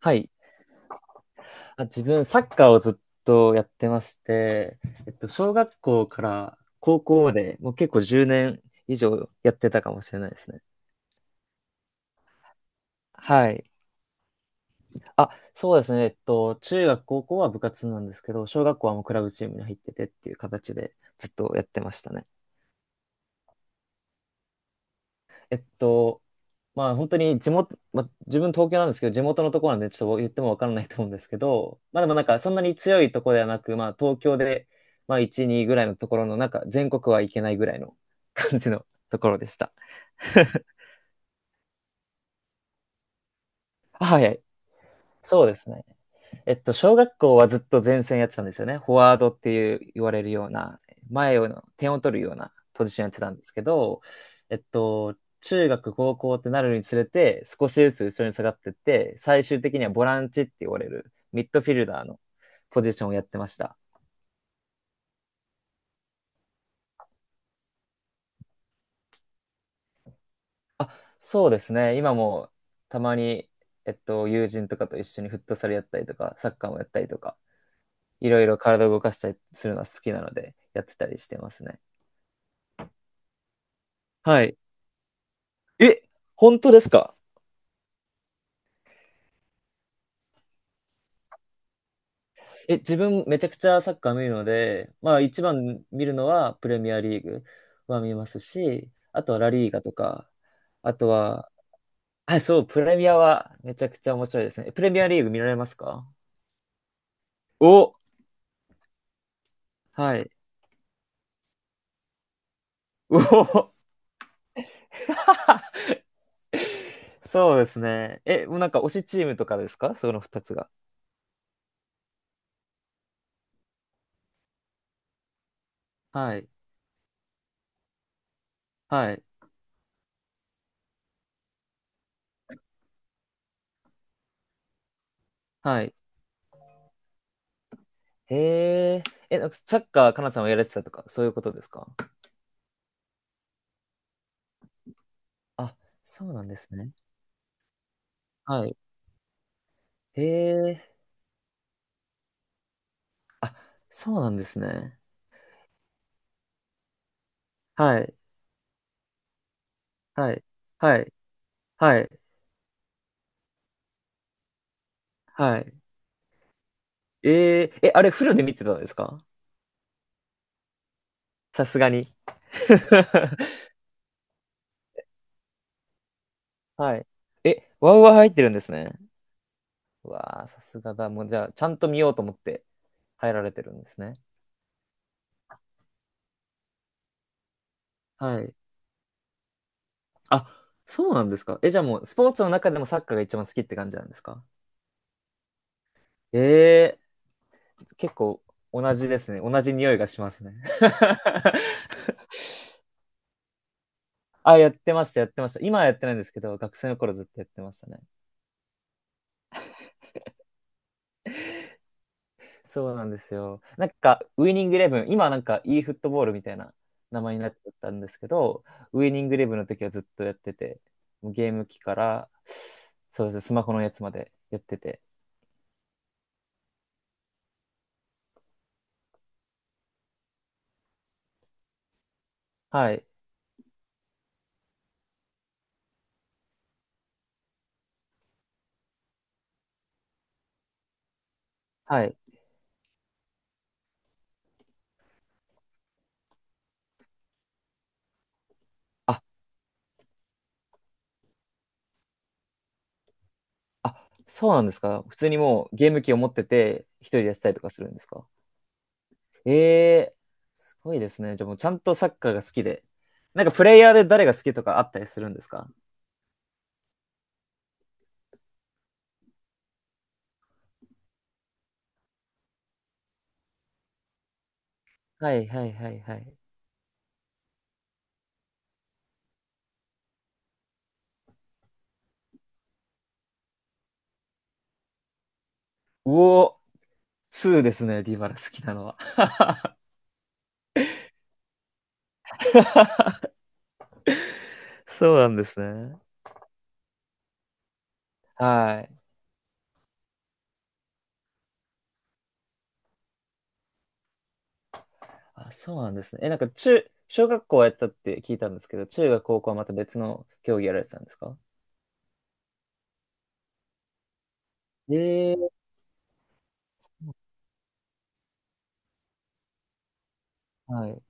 はい。あ、自分、サッカーをずっとやってまして、小学校から高校まで、もう結構10年以上やってたかもしれないですね。はい。あ、そうですね。中学、高校は部活なんですけど、小学校はもうクラブチームに入っててっていう形でずっとやってましたね。えっと、まあ本当に地元、まあ、自分東京なんですけど、地元のところなんでちょっと言ってもわからないと思うんですけど、まあでもなんかそんなに強いところではなく、まあ東京で、まあ1、2ぐらいのところの、なんか全国はいけないぐらいの感じのところでした。あ、はいはい。そうですね。小学校はずっと前線やってたんですよね。フォワードっていう言われるような、前を、点を取るようなポジションやってたんですけど、中学、高校ってなるにつれて、少しずつ後ろに下がってって、最終的にはボランチって言われる、ミッドフィルダーのポジションをやってました。あ、そうですね。今もたまに、友人とかと一緒にフットサルやったりとか、サッカーもやったりとか、いろいろ体を動かしたりするのは好きなので、やってたりしてますね。はい。え、本当ですか？え、自分めちゃくちゃサッカー見るので、まあ一番見るのはプレミアリーグは見ますし、あとはラリーガとか、あとは、あ、そう、プレミアはめちゃくちゃ面白いですね。え、プレミアリーグ見られますか？お、はい。おお、そうですね。え、もうなんか推しチームとかですか、その二つが。はい。はい。はい。へえ。え、なんかサッカー、かなさんはやられてたとか、そういうことですか？あ、そうなんですね。はい。へえ。あ、そうなんですね。はい。はい。はい。はい。はい。ええ、え、あれフルで見てたんですか？さすがに。はい。え、ワウワウ入ってるんですね。うわあ、さすがだ。もうじゃあ、ちゃんと見ようと思って入られてるんですね。はい。あ、そうなんですか。え、じゃあもう、スポーツの中でもサッカーが一番好きって感じなんですか？ええ、結構同じですね。同じ匂いがしますね。あ、やってました、やってました。今はやってないんですけど、学生の頃ずっとやってましたね。そうなんですよ。なんか、ウイニングイレブン、今はなんか e フットボールみたいな名前になっちゃったんですけど、ウイニングイレブンの時はずっとやってて、もうゲーム機から、そうですね、スマホのやつまでやってて。はい、はい。あ、あ、そうなんですか。普通にもうゲーム機を持ってて、一人でやってたりとかするんですか。ええー、すごいですね。じゃあもうちゃんとサッカーが好きで。なんかプレイヤーで誰が好きとかあったりするんですか？はいはいはいはい。うお、2ですね、ディバラ好きなのは。そうなんですね。はい。あ、そうなんですね。え、なんか中、小学校はやってたって聞いたんですけど、中学、高校はまた別の競技やられてたんですか？ええ、はい。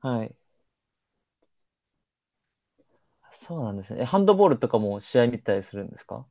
はい。あ、そうなんですね。え、ハンドボールとかも試合見たりするんですか？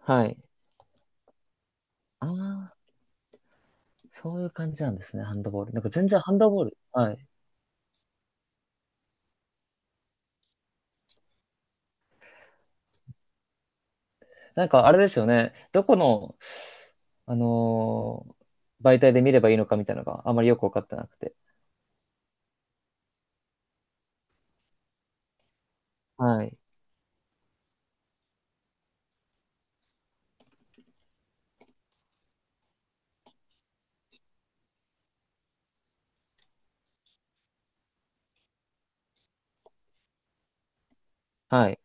はい。ああ、そういう感じなんですね、ハンドボール。なんか全然ハンドボール。はい。なんかあれですよね。どこの、あのー媒体で見ればいいのかみたいなのがあまりよくわかってなくて。はい。はい。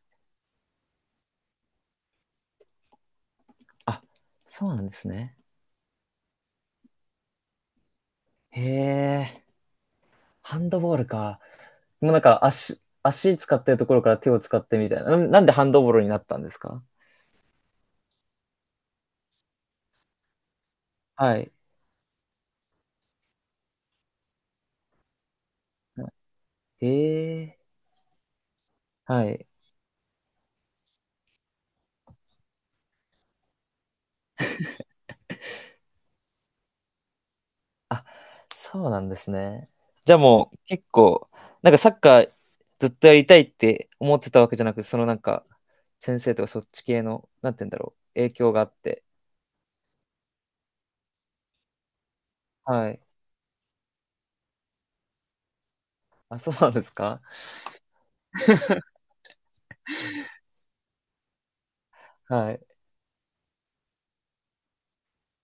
あ、そうなんですね。へえ、ハンドボールか。もうなんか足、足使ってるところから手を使ってみたいな。なんでハンドボールになったんですか？はい。へえ、はい。あ、そうなんですね。じゃあもう結構、なんかサッカーずっとやりたいって思ってたわけじゃなく、そのなんか、先生とかそっち系の、なんて言うんだろう、影響があって。はい。あ、そうなんですか？はい。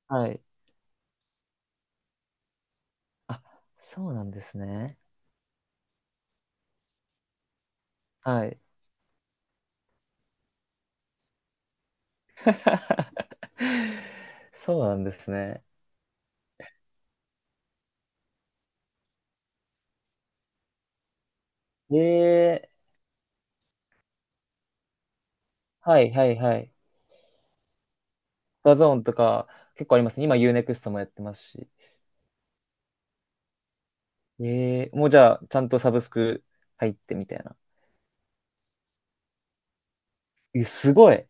はい。あ、そうなんですね。はい。そうなんですね。ええ、はいはいはい。ダゾーンとか結構ありますね。今 U-NEXT もやってますし。ええ、もうじゃあちゃんとサブスク入ってみたいな。え、すごい。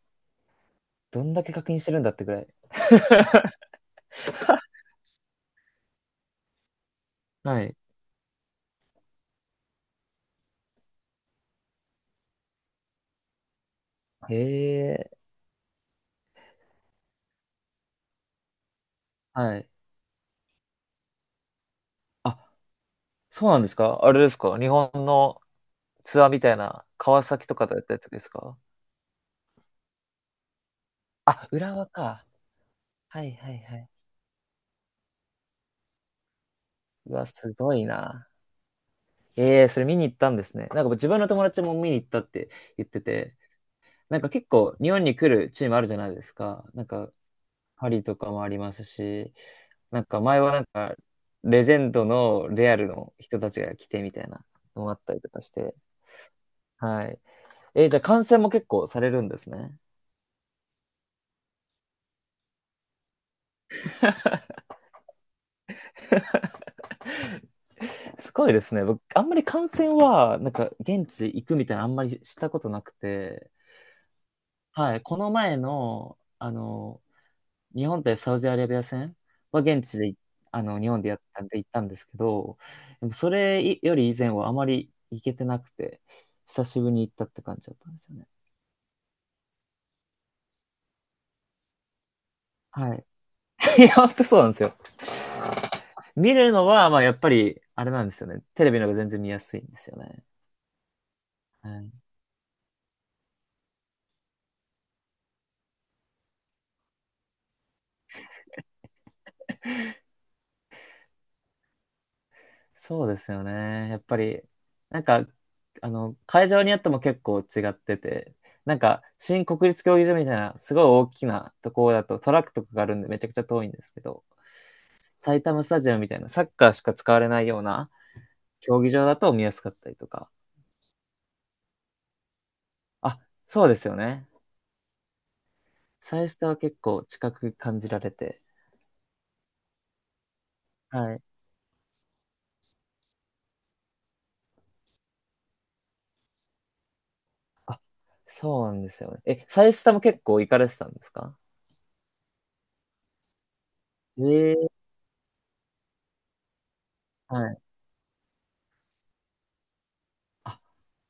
どんだけ確認してるんだってぐらい。はい。へえ。はい。あ、そうなんですか？あれですか、日本のツアーみたいな、川崎とかだったやつですか？あ、浦和か。はいはいはい。うわ、すごいな。ええ、それ見に行ったんですね。なんか自分の友達も見に行ったって言ってて、なんか結構日本に来るチームあるじゃないですか。なんか、パリとかもありますし、なんか前はなんか、レジェンドのレアルの人たちが来てみたいなのもあったりとかして、はい。えー、じゃあ観戦も結構されるんですね。すごいですね。僕、あんまり観戦は、なんか、現地行くみたいな、あんまりしたことなくて、はい、この前の、日本対サウジアラビア戦は現地で、日本でやったんで行ったんですけど、でもそれより以前はあまり行けてなくて、久しぶりに行ったって感じだったんですよね。はい。いや、本当そうなんですよ。見るのは、まあ、やっぱり、あれなんですよね。テレビの方が全然見やすいんですよね。はい、そうですよね。やっぱり、なんか、会場によっても結構違ってて、なんか、新国立競技場みたいな、すごい大きなところだとトラックとかがあるんでめちゃくちゃ遠いんですけど、埼玉スタジアムみたいな、サッカーしか使われないような競技場だと見やすかったりとか。あ、そうですよね。サイスタは結構近く感じられて。はい。そうなんですよね。え、サイスタも結構行かれてたんですか？ええ、はい。あ、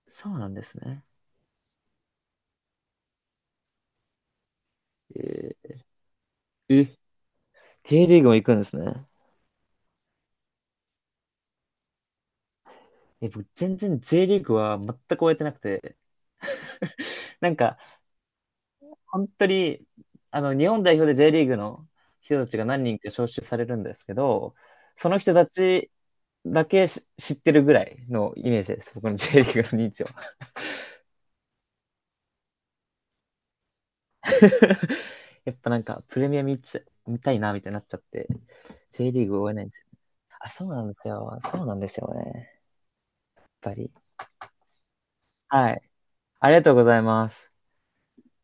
そうなんですね。えー、え、J リーグも行くんですね。え、僕、全然 J リーグは全く終えてなくて、なんか、本当に、日本代表で J リーグの人たちが何人か招集されるんですけど、その人たちだけし知ってるぐらいのイメージです。僕の J リーグの認知を。やっぱなんか、プレミア見ちゃ、見たいな、みたいになっちゃって、J リーグ終えないんですよ。あ、そうなんですよ。そうなんですよね。やっぱり。はい。ありがとうございます。